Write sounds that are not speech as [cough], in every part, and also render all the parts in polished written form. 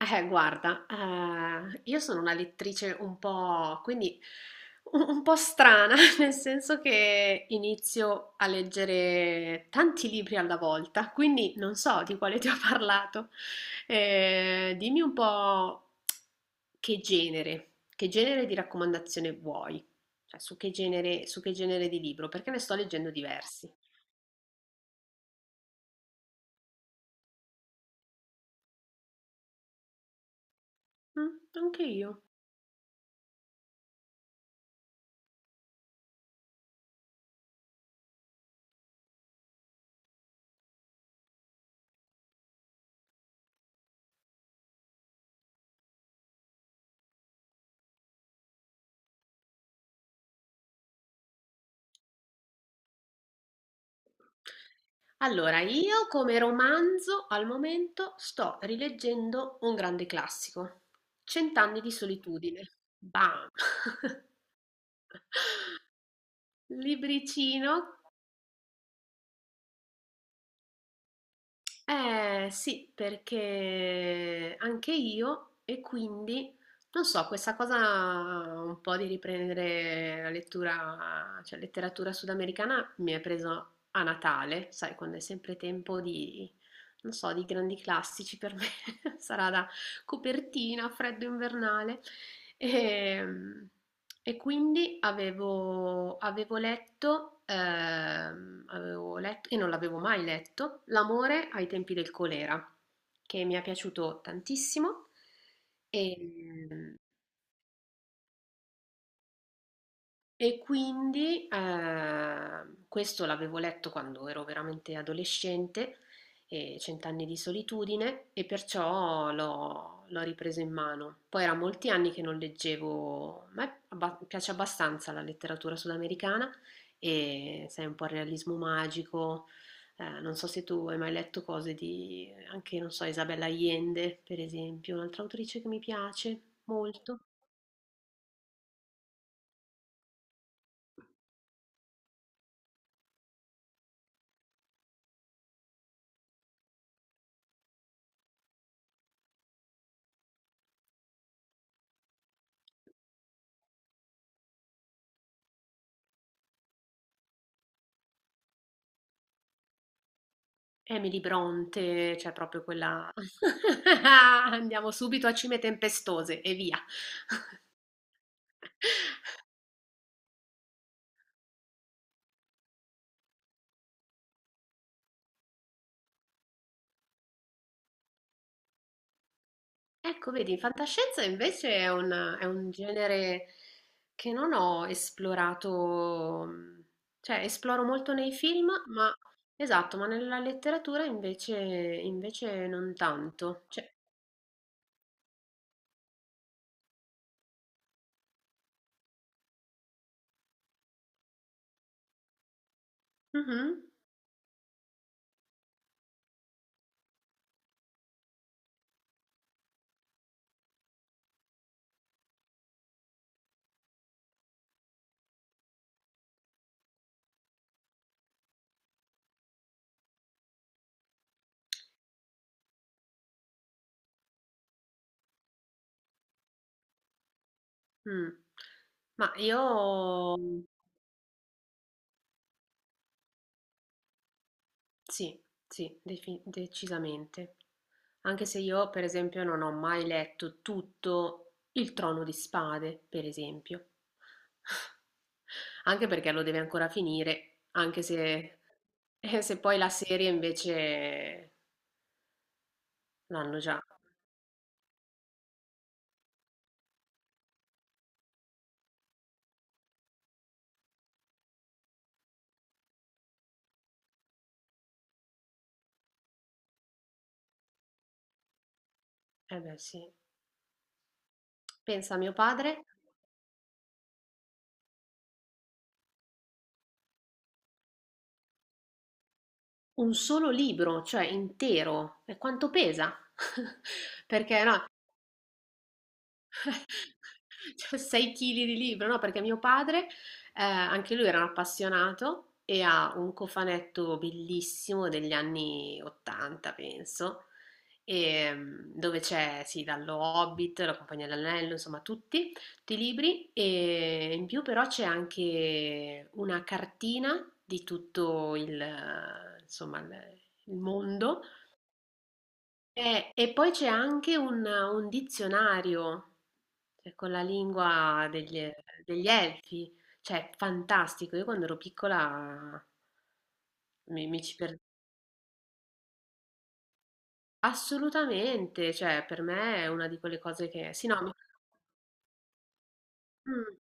Guarda, io sono una lettrice un po', quindi un po' strana, [laughs] nel senso che inizio a leggere tanti libri alla volta, quindi non so di quale ti ho parlato. Dimmi un po' che genere di raccomandazione vuoi, cioè su che genere di libro, perché ne sto leggendo diversi. Mm, anche io. Allora, io come romanzo al momento sto rileggendo un grande classico, Cent'anni di solitudine. Bam! [laughs] Libricino. Eh sì, perché anche io, e quindi non so, questa cosa un po' di riprendere la lettura, cioè letteratura sudamericana mi è preso a Natale, sai, quando è sempre tempo di, non so, di grandi classici per me, [laughs] sarà da copertina, freddo invernale. Ehm, e quindi avevo letto, e non l'avevo mai letto, L'amore ai tempi del colera, che mi è piaciuto tantissimo. E, E quindi questo l'avevo letto quando ero veramente adolescente, e Cent'anni di solitudine, e perciò l'ho ripreso in mano. Poi era molti anni che non leggevo, a me piace abbastanza la letteratura sudamericana, e sai, un po' il realismo magico. Non so se tu hai mai letto cose di anche, non so, Isabella Allende, per esempio, un'altra autrice che mi piace molto. Emily Brontë, cioè proprio quella, [laughs] andiamo subito a Cime Tempestose e via. [laughs] Ecco, vedi, fantascienza invece è un genere che non ho esplorato, cioè esploro molto nei film, ma esatto, ma nella letteratura invece non tanto. Cioè, mhm, mm. Ma io. Sì, sì, defi decisamente. Anche se io, per esempio, non ho mai letto tutto Il Trono di Spade, per esempio. [laughs] Anche perché lo deve ancora finire, anche se, se poi la serie invece l'hanno già. Eh beh, sì. Pensa a mio padre, un solo libro, cioè intero, e quanto pesa? [laughs] Perché no. [laughs] Cioè, 6 kg di libro, no? Perché mio padre, anche lui era un appassionato e ha un cofanetto bellissimo degli anni 80, penso, e, dove c'è, sì, dallo Hobbit, la Compagnia dell'Anello, insomma, tutti i libri. E in più però c'è anche una cartina di tutto il, insomma, il mondo. E poi c'è anche un dizionario, cioè, con la lingua degli, elfi, cioè fantastico. Io quando ero piccola mi ci perdevo assolutamente, cioè per me è una di quelle cose che... Sì, no, mm,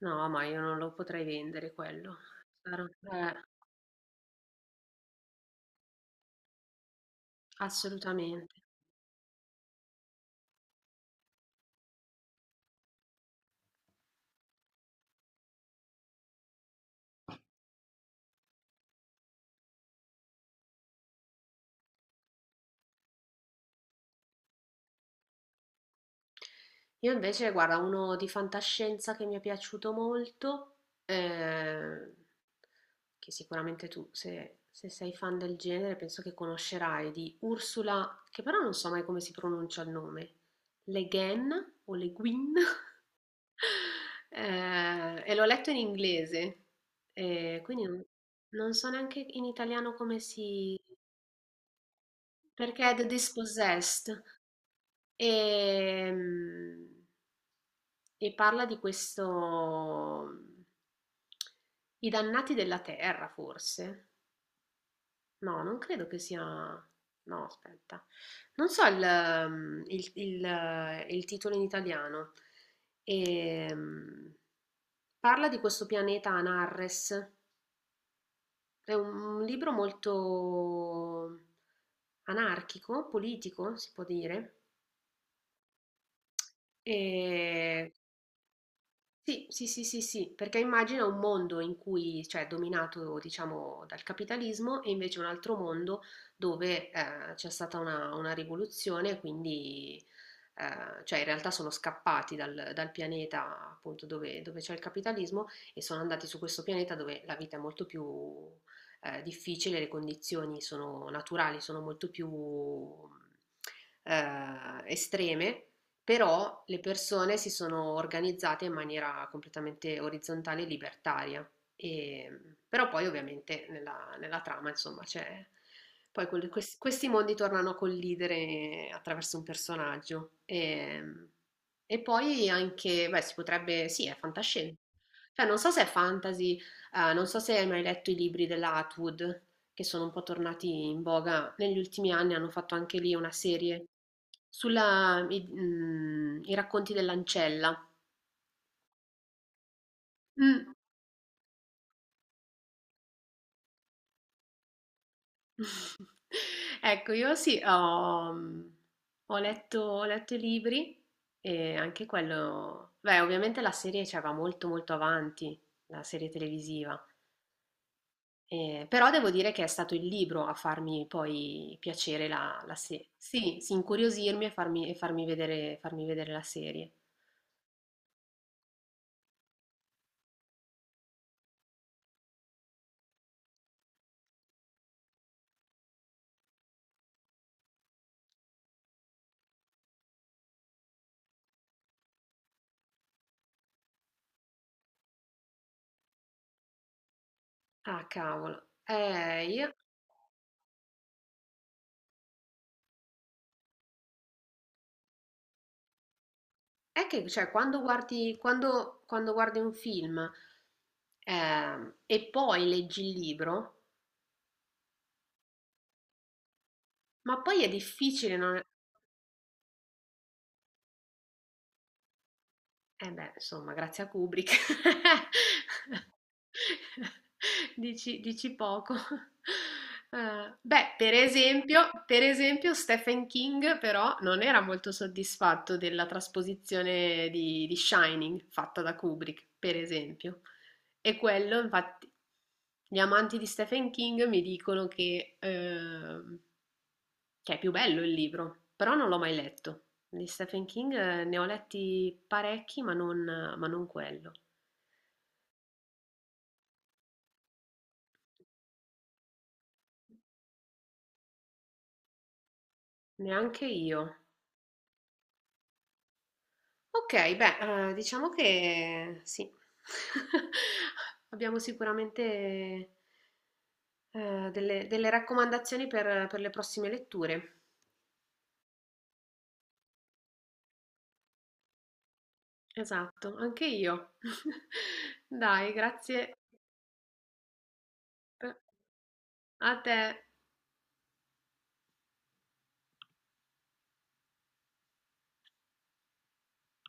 no, ma io non lo potrei vendere quello. Sarà- eh, Assolutamente. Io invece, guarda, uno di fantascienza che mi è piaciuto molto, eh, che sicuramente tu, se sei fan del genere, penso che conoscerai, di Ursula, che però non so mai come si pronuncia il nome, Le Guin o Le Guin. [laughs] E l'ho letto in inglese, quindi non so neanche in italiano come si... Perché è The Dispossessed. Ehm, e parla di questo... I dannati della terra, forse? No, non credo che sia... No, aspetta. Non so il titolo in italiano. Ehm, Parla di questo pianeta Anarres. È un libro molto anarchico, politico, si può dire. E sì, sì, sì, sì, sì, perché immagina un mondo in cui, cioè, dominato, diciamo, dal capitalismo e invece un altro mondo dove c'è stata una rivoluzione, quindi, cioè, in realtà sono scappati dal pianeta appunto dove c'è il capitalismo, e sono andati su questo pianeta dove la vita è molto più difficile, le condizioni sono naturali, sono molto più estreme, però le persone si sono organizzate in maniera completamente orizzontale e libertaria. Però poi ovviamente nella trama, insomma, c'è... Poi questi mondi tornano a collidere attraverso un personaggio. E poi anche, beh, si potrebbe... Sì, è fantascienza. Cioè, non so se è fantasy, non so se hai mai letto i libri della Atwood, che sono un po' tornati in voga negli ultimi anni, hanno fatto anche lì una serie sulla, i, mm, i racconti dell'ancella. Mm. [laughs] Ecco, io sì, ho letto i libri, e anche quello, beh, ovviamente la serie, cioè, va molto molto avanti, la serie televisiva. Però devo dire che è stato il libro a farmi poi piacere la serie, sì, sì, incuriosirmi e farmi vedere la serie. Ah, cavolo. Io... È che, cioè, quando guardi, quando guardi un film, e poi leggi il libro, ma poi è difficile non... Eh beh, insomma, grazie a Kubrick. [laughs] [laughs] Dici poco. [laughs] Beh, per esempio Stephen King però non era molto soddisfatto della trasposizione di Shining fatta da Kubrick, per esempio. E quello infatti, gli amanti di Stephen King mi dicono che è più bello il libro, però non l'ho mai letto. Di Stephen King ne ho letti parecchi, ma non quello. Neanche io. Okay, beh, diciamo che sì. [laughs] Abbiamo sicuramente delle raccomandazioni per le prossime letture. Esatto, anche io. [laughs] Dai, grazie pe a te.